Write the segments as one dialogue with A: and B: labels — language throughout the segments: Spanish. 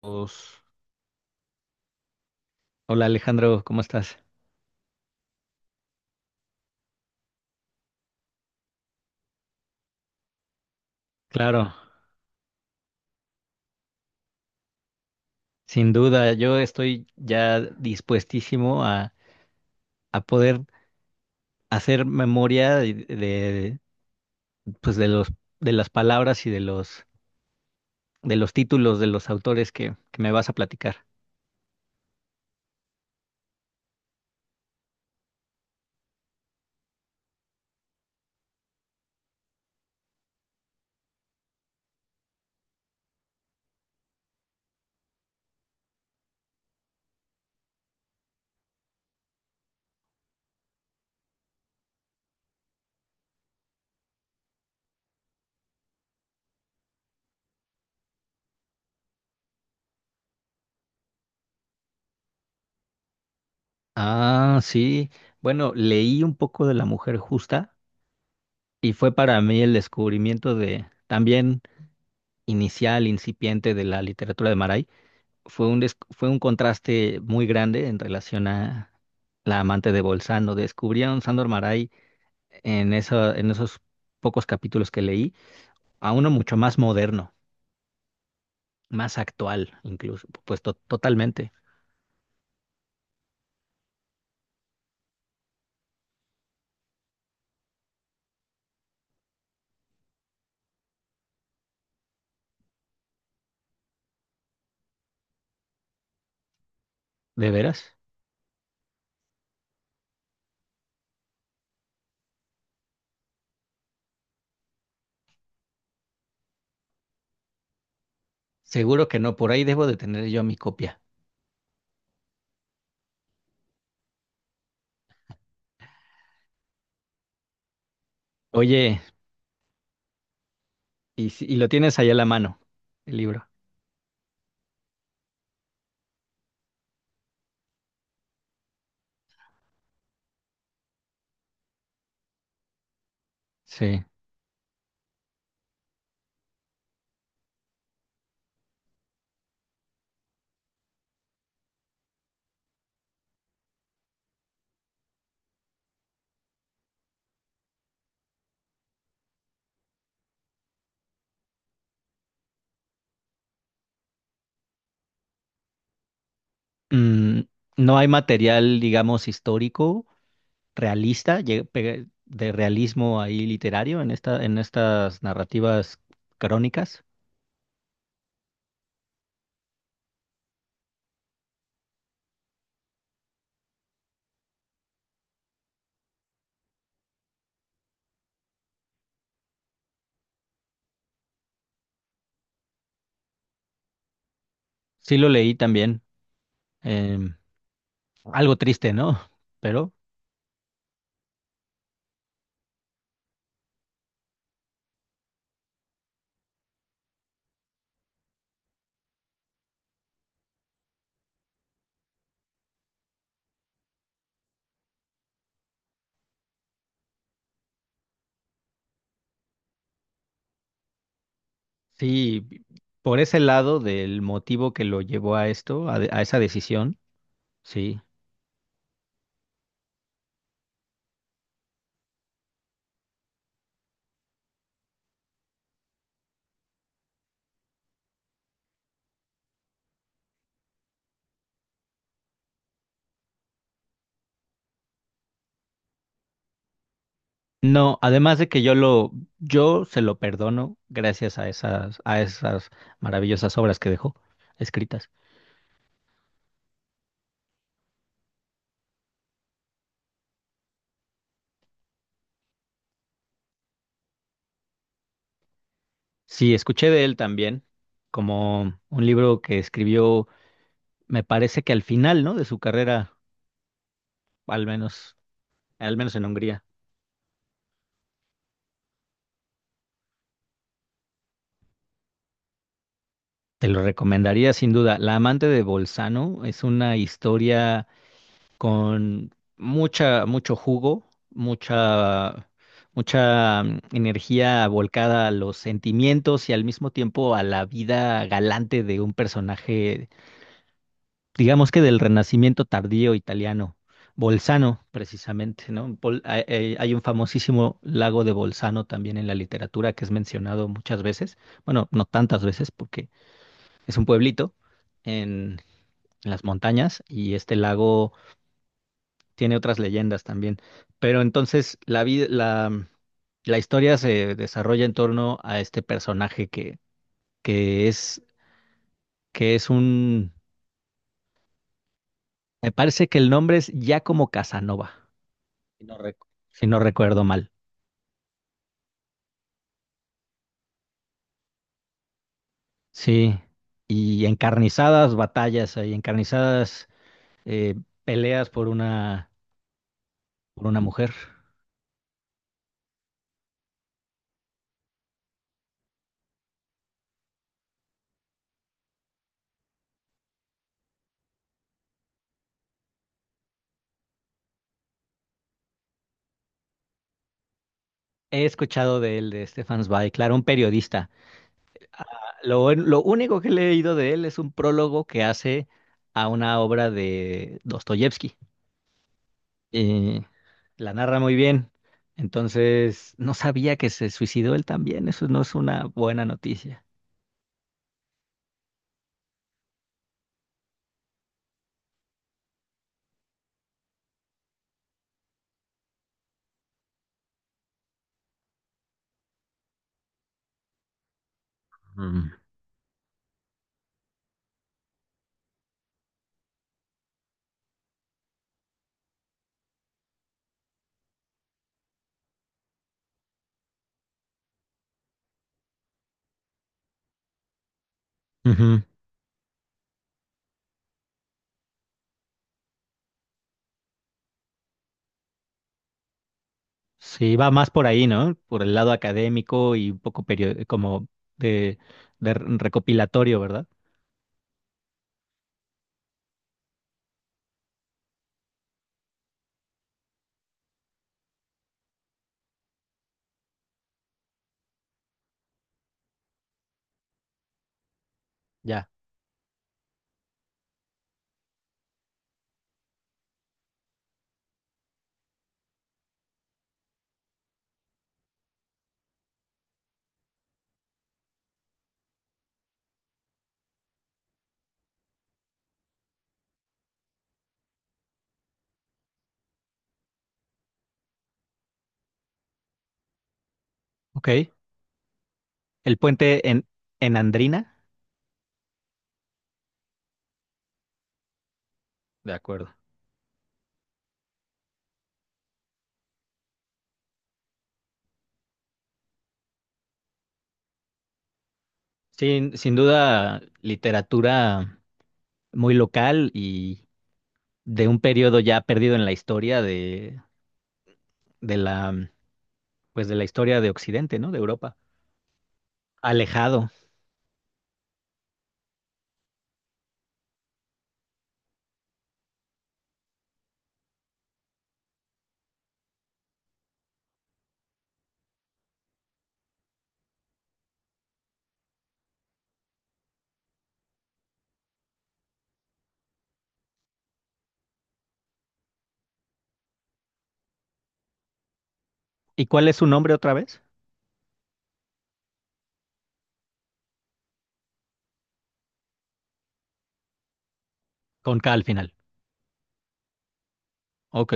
A: Pues, hola Alejandro, ¿cómo estás? Claro, sin duda, yo estoy ya dispuestísimo a poder hacer memoria pues de los de las palabras y de los títulos de los autores que me vas a platicar. Ah, sí. Bueno, leí un poco de La Mujer Justa y fue para mí el descubrimiento de también inicial, incipiente de la literatura de Maray. Fue un, fue un contraste muy grande en relación a La amante de Bolzano. Descubrí a un Sandor Maray en esos pocos capítulos que leí, a uno mucho más moderno, más actual incluso, pues totalmente. ¿De veras? Seguro que no, por ahí debo de tener yo mi copia. Oye, y, y lo tienes ahí a la mano, el libro. Sí. Mm, no hay material, digamos, histórico realista, de realismo ahí literario en esta, en estas narrativas crónicas. Sí lo leí también. em, algo triste, ¿no? Pero sí, por ese lado del motivo que lo llevó a esto, a, a esa decisión, sí. No, además de que yo lo, yo se lo perdono gracias a esas maravillosas obras que dejó escritas. Sí, escuché de él también, como un libro que escribió me parece que al final, ¿no? De su carrera, al menos, al menos en Hungría. Te lo recomendaría sin duda. La amante de Bolzano es una historia con mucha, mucho jugo, mucha, mucha energía volcada a los sentimientos y al mismo tiempo a la vida galante de un personaje digamos que del Renacimiento tardío italiano, Bolzano precisamente, ¿no? Hay un famosísimo lago de Bolzano también en la literatura que es mencionado muchas veces, bueno, no tantas veces porque es un pueblito en, en las montañas y este lago tiene otras leyendas también, pero entonces la vida, la historia se desarrolla en torno a este personaje que es, que es un, me parece que el nombre es Giacomo Casanova. si no, rec- si no recuerdo mal. Sí, y encarnizadas batallas ahí, encarnizadas eh, peleas por una mujer. He escuchado de él, de Stefan Zweig, claro, un periodista. Lo único que he leído de él es un prólogo que hace a una obra de Dostoyevsky. Y la narra muy bien. Entonces, no sabía que se suicidó él también. Eso no es una buena noticia. Mm. Ujú. Sí, va más por ahí, ¿no? Por el lado académico y un poco como de, recopilatorio, ¿verdad? Ya, ok. El puente en Andrina, de acuerdo. Sin, sin duda, literatura muy local y de un periodo ya perdido en la historia de la, pues de la historia de Occidente, ¿no? De Europa. Alejado. ¿Y cuál es su nombre otra vez? Con K al final. Ok.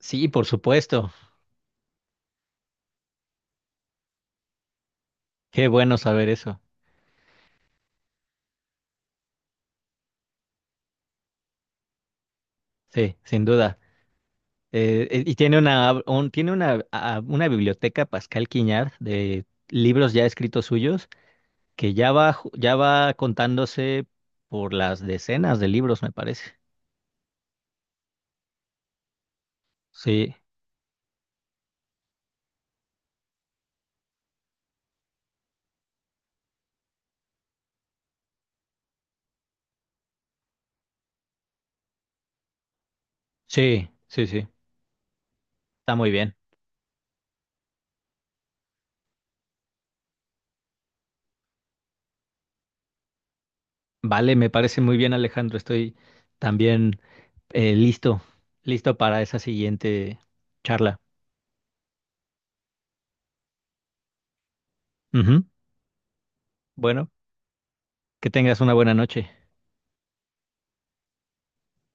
A: Sí, por supuesto. Qué bueno saber eso. Sí, sin duda. Y tiene una, tiene una, una biblioteca Pascal Quiñard de libros ya escritos suyos que ya va, ya va contándose por las decenas de libros, me parece. Sí, sí, sí, sí. Está muy bien. Vale, me parece muy bien, Alejandro. Estoy también listo, listo para esa siguiente charla. Ujú. Bueno, que tengas una buena noche.